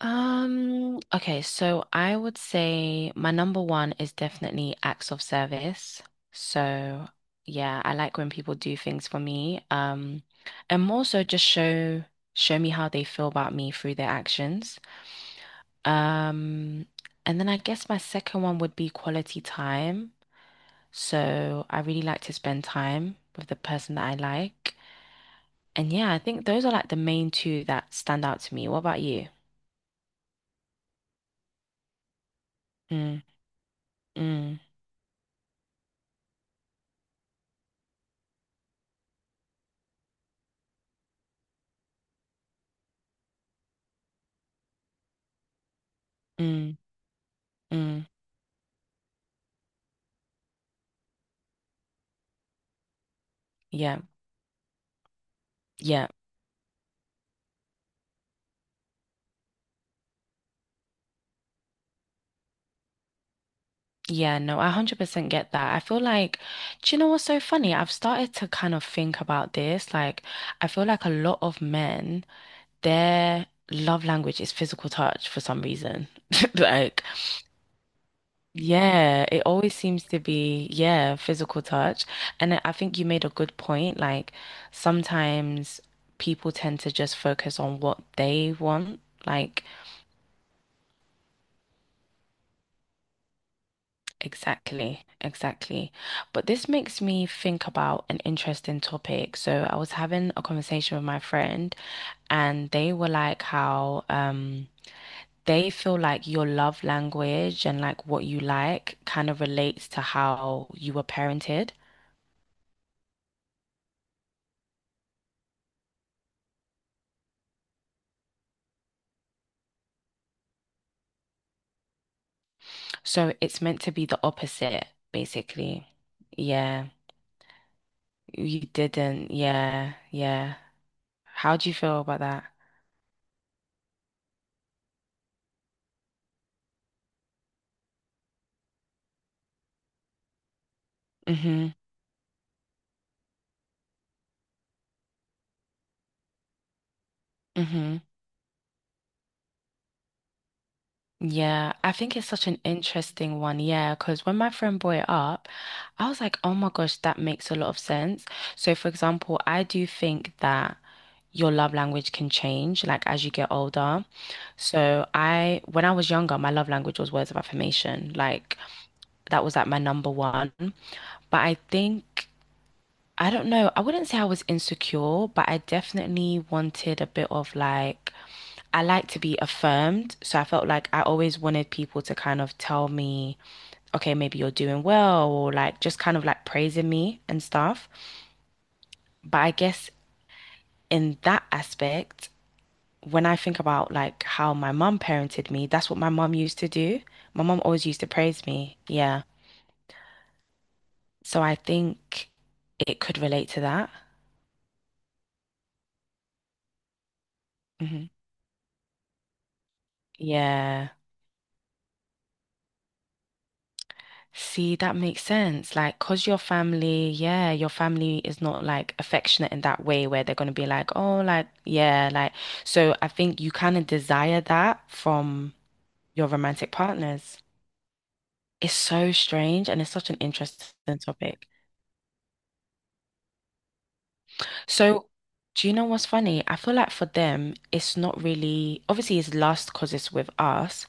Okay, so I would say my number one is definitely acts of service. So, yeah, I like when people do things for me. And more so just show me how they feel about me through their actions. Um, and then I guess my second one would be quality time. So, I really like to spend time with the person that I like. And yeah, I think those are like the main two that stand out to me. What about you? Mm, mm, mm, mm. Yeah, yeah, yeah. No, I 100% get that. I feel like, do you know what's so funny? I've started to kind of think about this. Like, I feel like a lot of men, their love language is physical touch for some reason. Like, yeah, it always seems to be, yeah, physical touch. And I think you made a good point. Like, sometimes people tend to just focus on what they want. Like, Exactly, exactly. But this makes me think about an interesting topic. So I was having a conversation with my friend, and they were like how they feel like your love language and like what you like kind of relates to how you were parented. So it's meant to be the opposite, basically. Yeah, you didn't. Yeah, yeah. How do you feel about that? Mm-hmm. Mm-hmm. Yeah, I think it's such an interesting one. Yeah, because when my friend brought it up, I was like, oh my gosh, that makes a lot of sense. So, for example, I do think that your love language can change like as you get older. When I was younger, my love language was words of affirmation. Like, that was like my number one. But I think. I don't know. I wouldn't say I was insecure, but I definitely wanted a bit of like, I like to be affirmed. So I felt like I always wanted people to kind of tell me, okay, maybe you're doing well, or like just kind of like praising me and stuff. But I guess in that aspect, when I think about like how my mum parented me, that's what my mum used to do. My mum always used to praise me. Yeah. So I think it could relate to that. hmm Yeah. See, that makes sense. Like, cause your family, yeah, your family is not like affectionate in that way where they're gonna be like, oh, like, yeah, like, so I think you kind of desire that from your romantic partners. It's so strange and it's such an interesting topic. So, do you know what's funny? I feel like for them, it's not really, obviously, it's lust because it's with us,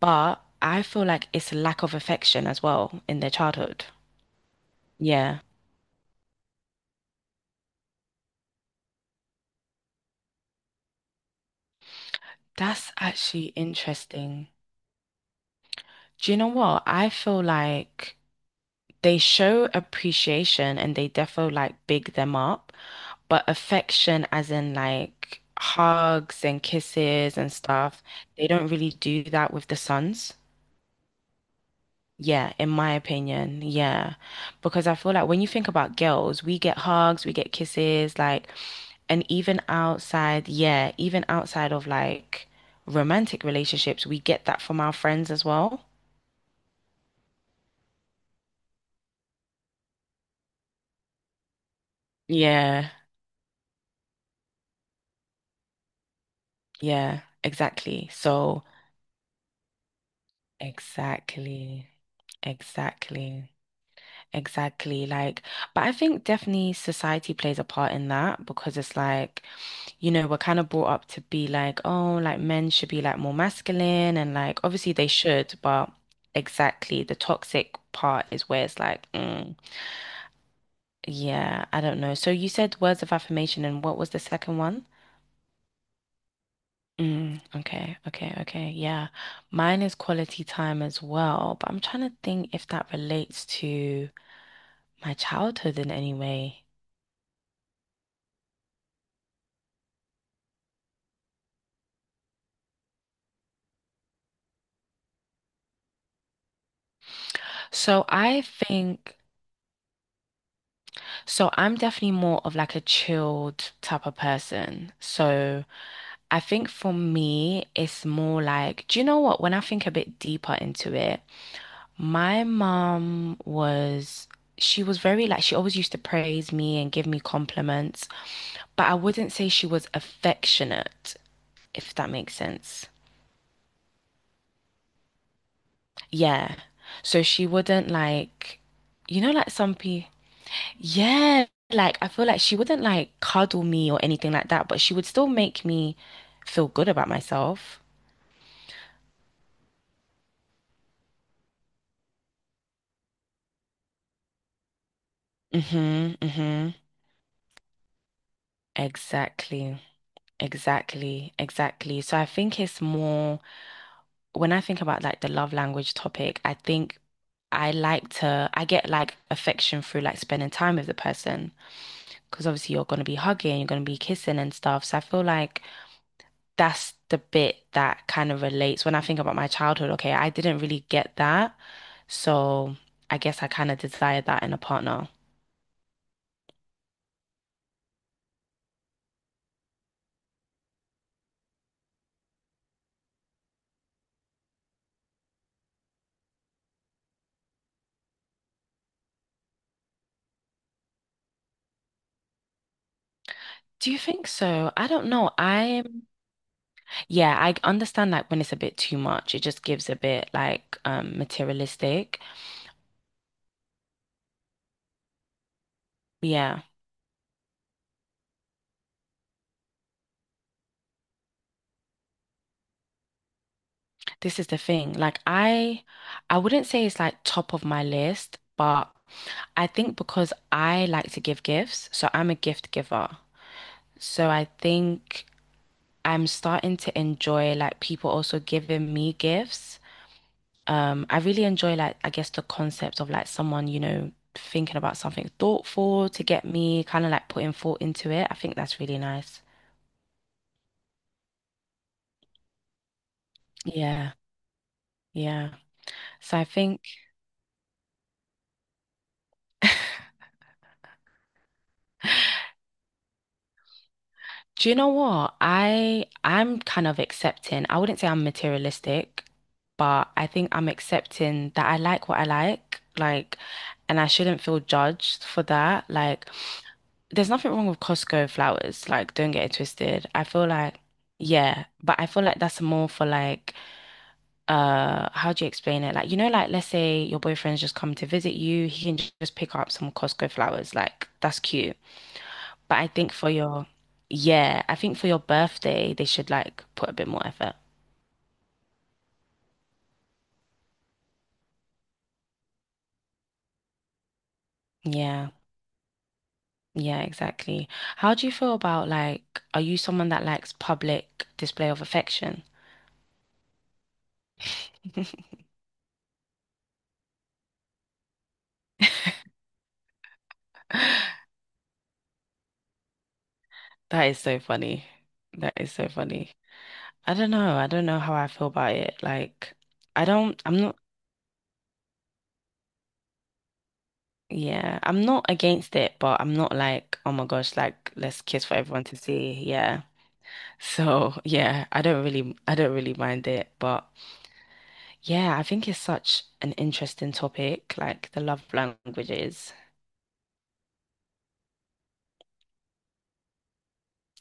but I feel like it's lack of affection as well in their childhood. Yeah, that's actually interesting. Do you know what? I feel like they show appreciation and they defo like big them up, but affection as in like hugs and kisses and stuff, they don't really do that with the sons. Yeah, in my opinion, yeah. Because I feel like when you think about girls, we get hugs, we get kisses, like, and even outside, yeah, even outside of like romantic relationships, we get that from our friends as well. Yeah. Yeah, exactly. So, exactly, exactly, exactly. Like, but I think definitely society plays a part in that because it's like, you know, we're kind of brought up to be like, oh, like men should be like more masculine and like obviously they should, but exactly the toxic part is where it's like, mm, yeah, I don't know. So you said words of affirmation and what was the second one? Mm, okay, okay, okay. Yeah. Mine is quality time as well, but I'm trying to think if that relates to my childhood in any way. So I think, so I'm definitely more of like a chilled type of person. So I think for me, it's more like, do you know what? When I think a bit deeper into it, My mom was, she was very like, she always used to praise me and give me compliments, but I wouldn't say she was affectionate, if that makes sense. Yeah. So she wouldn't like, you know, like some people, yeah, like I feel like she wouldn't like cuddle me or anything like that, but she would still make me feel good about myself. Mm-hmm, mm-hmm. Exactly, exactly. So I think it's more. When I think about like the love language topic, I think I get like affection through like spending time with the person because obviously you're going to be hugging, you're going to be kissing and stuff. So I feel like that's the bit that kind of relates when I think about my childhood. Okay, I didn't really get that. So I guess I kind of desire that in a partner. Do you think so? I don't know. I, yeah, I understand like when it's a bit too much, it just gives a bit like materialistic. Yeah. This is the thing. Like I wouldn't say it's like top of my list, but I think because I like to give gifts, so I'm a gift giver. So I think I'm starting to enjoy like people also giving me gifts. I really enjoy like I guess the concept of like someone, you know, thinking about something thoughtful to get me, kind of like putting thought into it. I think that's really nice. Yeah. Yeah. So I think Do you know what? I'm kind of accepting. I wouldn't say I'm materialistic, but I think I'm accepting that I like what I like, and I shouldn't feel judged for that. Like, there's nothing wrong with Costco flowers. Like, don't get it twisted. I feel like, yeah, but I feel like that's more for like, how do you explain it? Like, you know, like let's say your boyfriend's just come to visit you, he can just pick up some Costco flowers. Like, that's cute. But I think for your, yeah, I think for your birthday, they should like put a bit more effort. Yeah, yeah, exactly. How do you feel about like, are you someone that likes public display of affection? That is so funny. That is so funny. I don't know. I don't know how I feel about it. Like, I don't, I'm not, yeah, I'm not against it, but I'm not like, oh my gosh, like, let's kiss for everyone to see. Yeah. So, yeah, I don't really mind it, but yeah, I think it's such an interesting topic, like the love languages.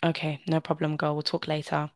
Okay, no problem, girl. We'll talk later.